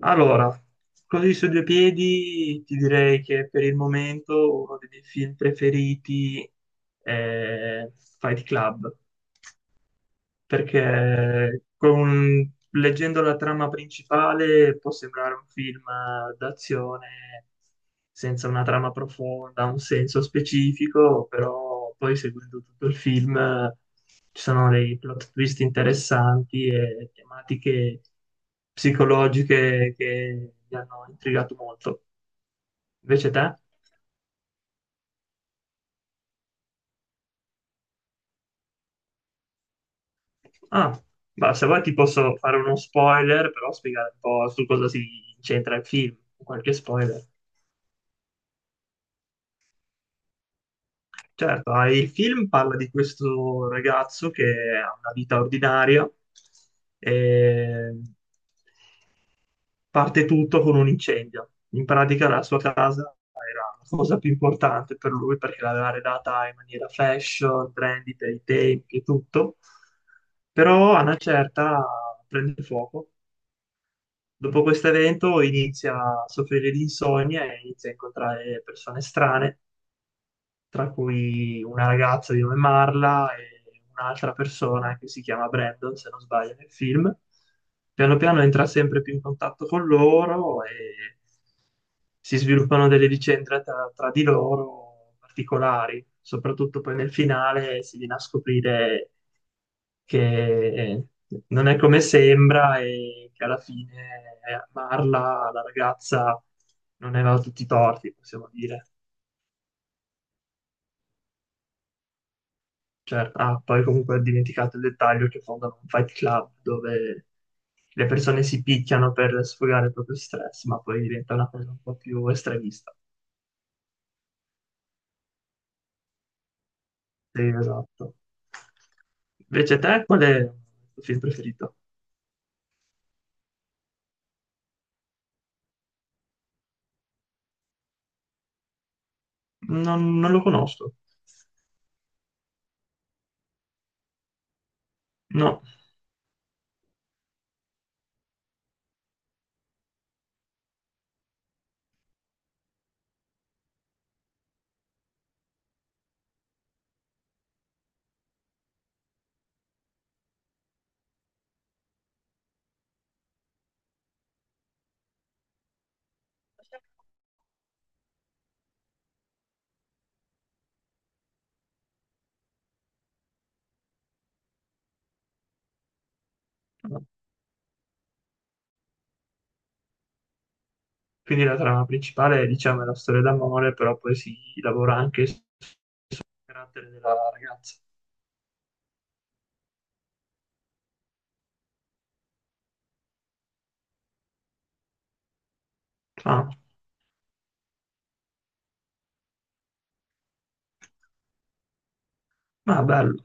Allora, così su due piedi ti direi che per il momento uno dei miei film preferiti è Fight Club perché leggendo la trama principale può sembrare un film d'azione senza una trama profonda, un senso specifico, però poi seguendo tutto il film ci sono dei plot twist interessanti e tematiche psicologiche che mi hanno intrigato molto. Invece te? Ah, ma se vuoi ti posso fare uno spoiler, però spiegare un po' su cosa si incentra il film, qualche spoiler. Certo, ah, il film parla di questo ragazzo che ha una vita ordinaria e parte tutto con un incendio. In pratica la sua casa era la cosa più importante per lui perché l'aveva redata in maniera fashion, trendy per i tempi e tutto. Però a una certa prende fuoco. Dopo questo evento inizia a soffrire di insonnia e inizia a incontrare persone strane tra cui una ragazza di nome Marla e un'altra persona che si chiama Brandon, se non sbaglio, nel film. Piano piano entra sempre più in contatto con loro e si sviluppano delle vicende tra di loro particolari. Soprattutto poi nel finale si viene a scoprire che non è come sembra e che alla fine Marla, la ragazza, non aveva tutti i torti, possiamo dire. Certo. Ah, poi comunque ho dimenticato il dettaglio che fondano un fight club dove le persone si picchiano per sfogare il proprio stress, ma poi diventa una cosa un po' più estremista. Sì, esatto. Invece te, qual è il tuo film preferito? Non lo conosco. No. No. Quindi la trama principale, diciamo, è la storia d'amore, però poi si lavora anche sul carattere della ragazza. Ah. Ah, bello.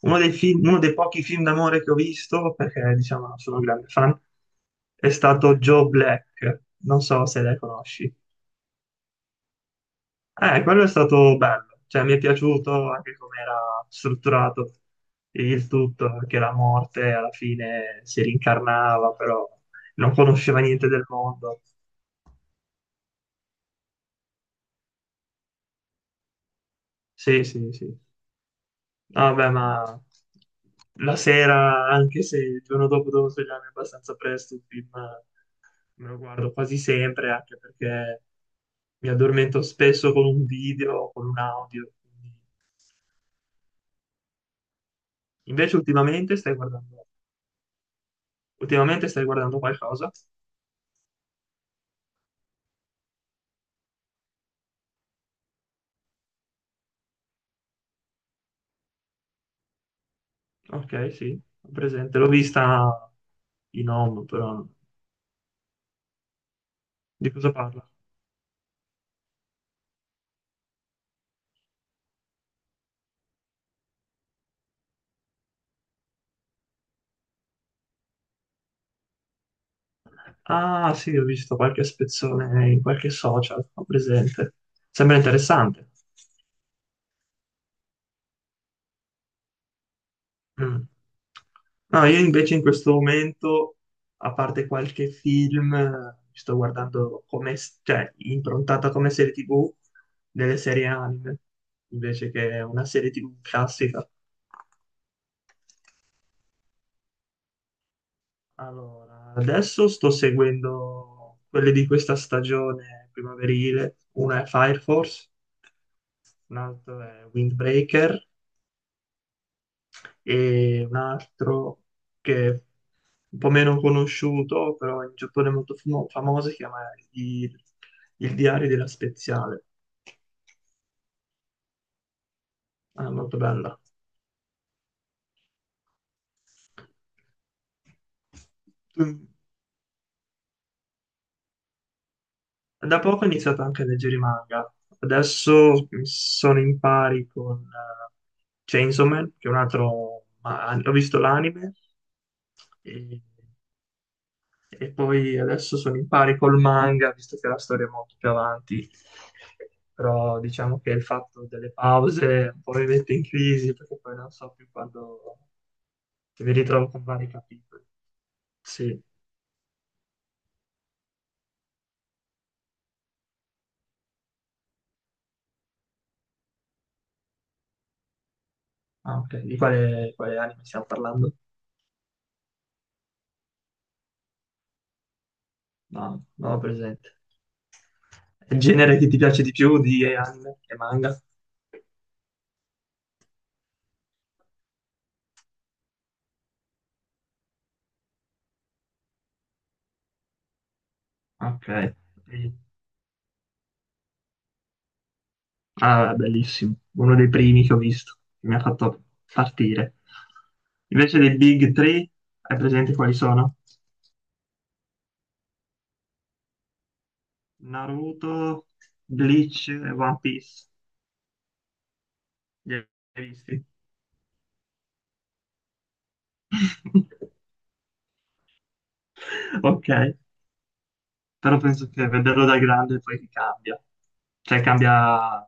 Uno dei pochi film d'amore che ho visto, perché diciamo sono un grande fan, è stato Joe Black. Non so se le conosci. Quello è stato bello, cioè mi è piaciuto anche come era strutturato il tutto, che la morte alla fine si rincarnava, però non conosceva niente del mondo. Sì, sì, sì. No, vabbè, ma la sera, anche se il giorno dopo dovevo svegliarmi abbastanza presto, il film me lo guardo quasi sempre, anche perché mi addormento spesso con un video o con un audio. Quindi- Invece ultimamente stai guardando qualcosa? Ok, sì, ho presente. L'ho vista in home, però di cosa parla? Ah, sì, ho visto qualche spezzone in qualche social, ho presente. Sembra interessante. Mm. No, io invece in questo momento, a parte qualche film, sto guardando come, cioè, improntata come serie TV delle serie anime, invece che una serie TV classica. Allora, adesso sto seguendo quelle di questa stagione primaverile, una è Fire Force, un'altra è Windbreaker e un altro che è un po' meno conosciuto, però in Giappone è molto famoso, si chiama il, il diario della Speziale. È molto bella. Da poco ho iniziato anche a leggere i manga. Adesso sono in pari con Chainsaw Man, che è un altro... ho visto l'anime, e E poi adesso sono in pari col manga, visto che la storia è molto più avanti. Però diciamo che il fatto delle pause un po' mi mette in crisi perché poi non so più quando se mi ritrovo con vari capitoli. Sì, ah, ok. Di quale anime stiamo parlando? No, non ho presente. È il genere che ti piace di più di anime e manga? Ok. Ah, bellissimo, uno dei primi che ho visto, che mi ha fatto partire. Invece dei Big Three, hai presente quali sono? Naruto, Bleach e One Piece. Li hai visti? Ok, però penso che vederlo da grande poi ti cambia, cioè cambia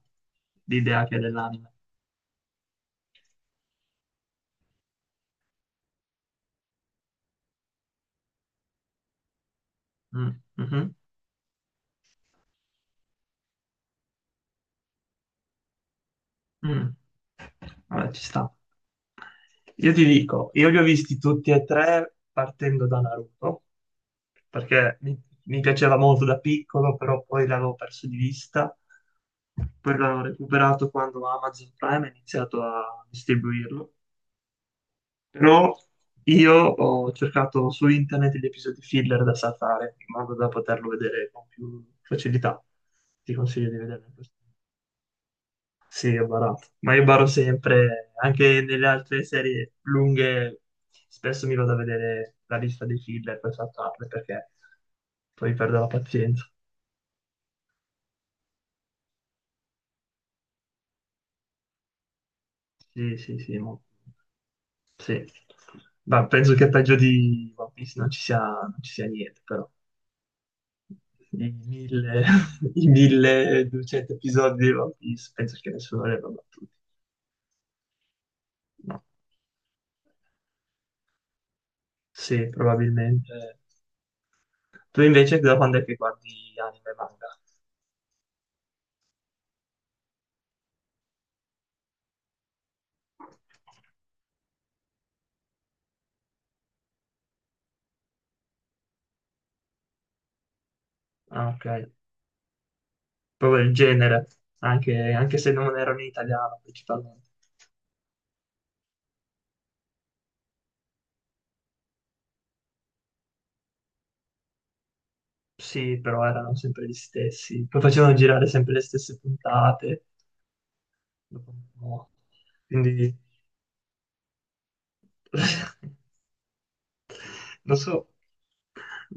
l'idea che hai dell'anime. Mm, mhm, mm. Vabbè, ci sta. Io ti dico, io li ho visti tutti e tre partendo da Naruto perché mi piaceva molto da piccolo, però poi l'avevo perso di vista. Poi l'ho recuperato quando Amazon Prime ha iniziato a distribuirlo. Però io ho cercato su internet gli episodi filler da saltare, in modo da poterlo vedere con più facilità. Ti consiglio di vederlo. Sì, ho barato. Ma io baro sempre, anche nelle altre serie lunghe, spesso mi vado a vedere la lista dei filler per saltarle, perché poi perdo la pazienza. Sì, sì, sì, sì. Ma penso che peggio di One Piece non ci sia niente, però. I mille, i 1200 episodi di One Piece, penso che nessuno li abbia battuti. No. Sì, probabilmente. Tu invece da quando è che guardi anime e manga? Ah, ok. Proprio il genere, anche se non erano in italiano principalmente. Sì, però erano sempre gli stessi. Poi facevano girare sempre le stesse puntate. Dopo un po'. Quindi non so,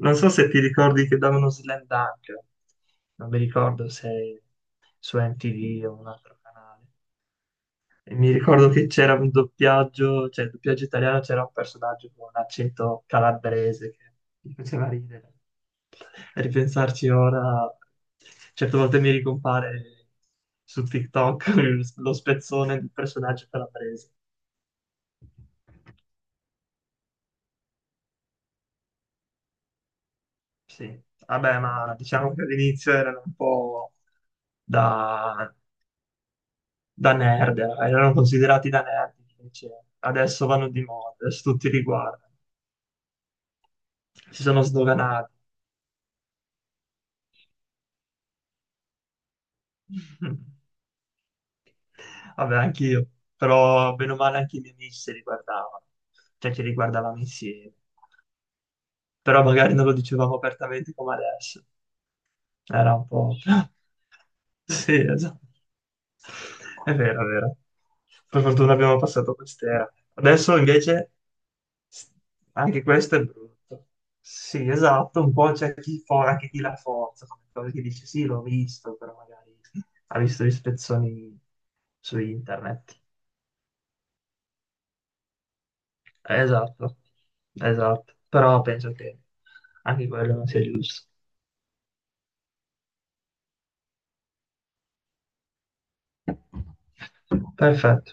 non so se ti ricordi che davano Slam Dunk. Non mi ricordo se su MTV o un altro canale. E mi ricordo che c'era un doppiaggio, cioè il doppiaggio italiano c'era un personaggio con un accento calabrese che mi faceva ridere. A ripensarci ora, certe volte mi ricompare su TikTok lo spezzone del personaggio calabrese. Sì, vabbè, ma diciamo che all'inizio erano un po' da, da nerd, erano considerati da nerd, invece adesso vanno di moda, adesso tutti li guardano, si sono sdoganati. Vabbè, anch'io, però bene o male anche i miei amici se li guardavano, cioè ci riguardavamo insieme, però magari non lo dicevamo apertamente come adesso, era un po'... Sì, esatto, è vero, è vero. Per fortuna abbiamo passato quest'era. Adesso invece s- anche questo è brutto. Sì, esatto, un po' c'è chi anche chi la forza, come cosa che dice sì, l'ho visto, però magari ha visto gli spezzoni su internet. Esatto, esatto, però penso che anche quello non sia giusto. Perfetto.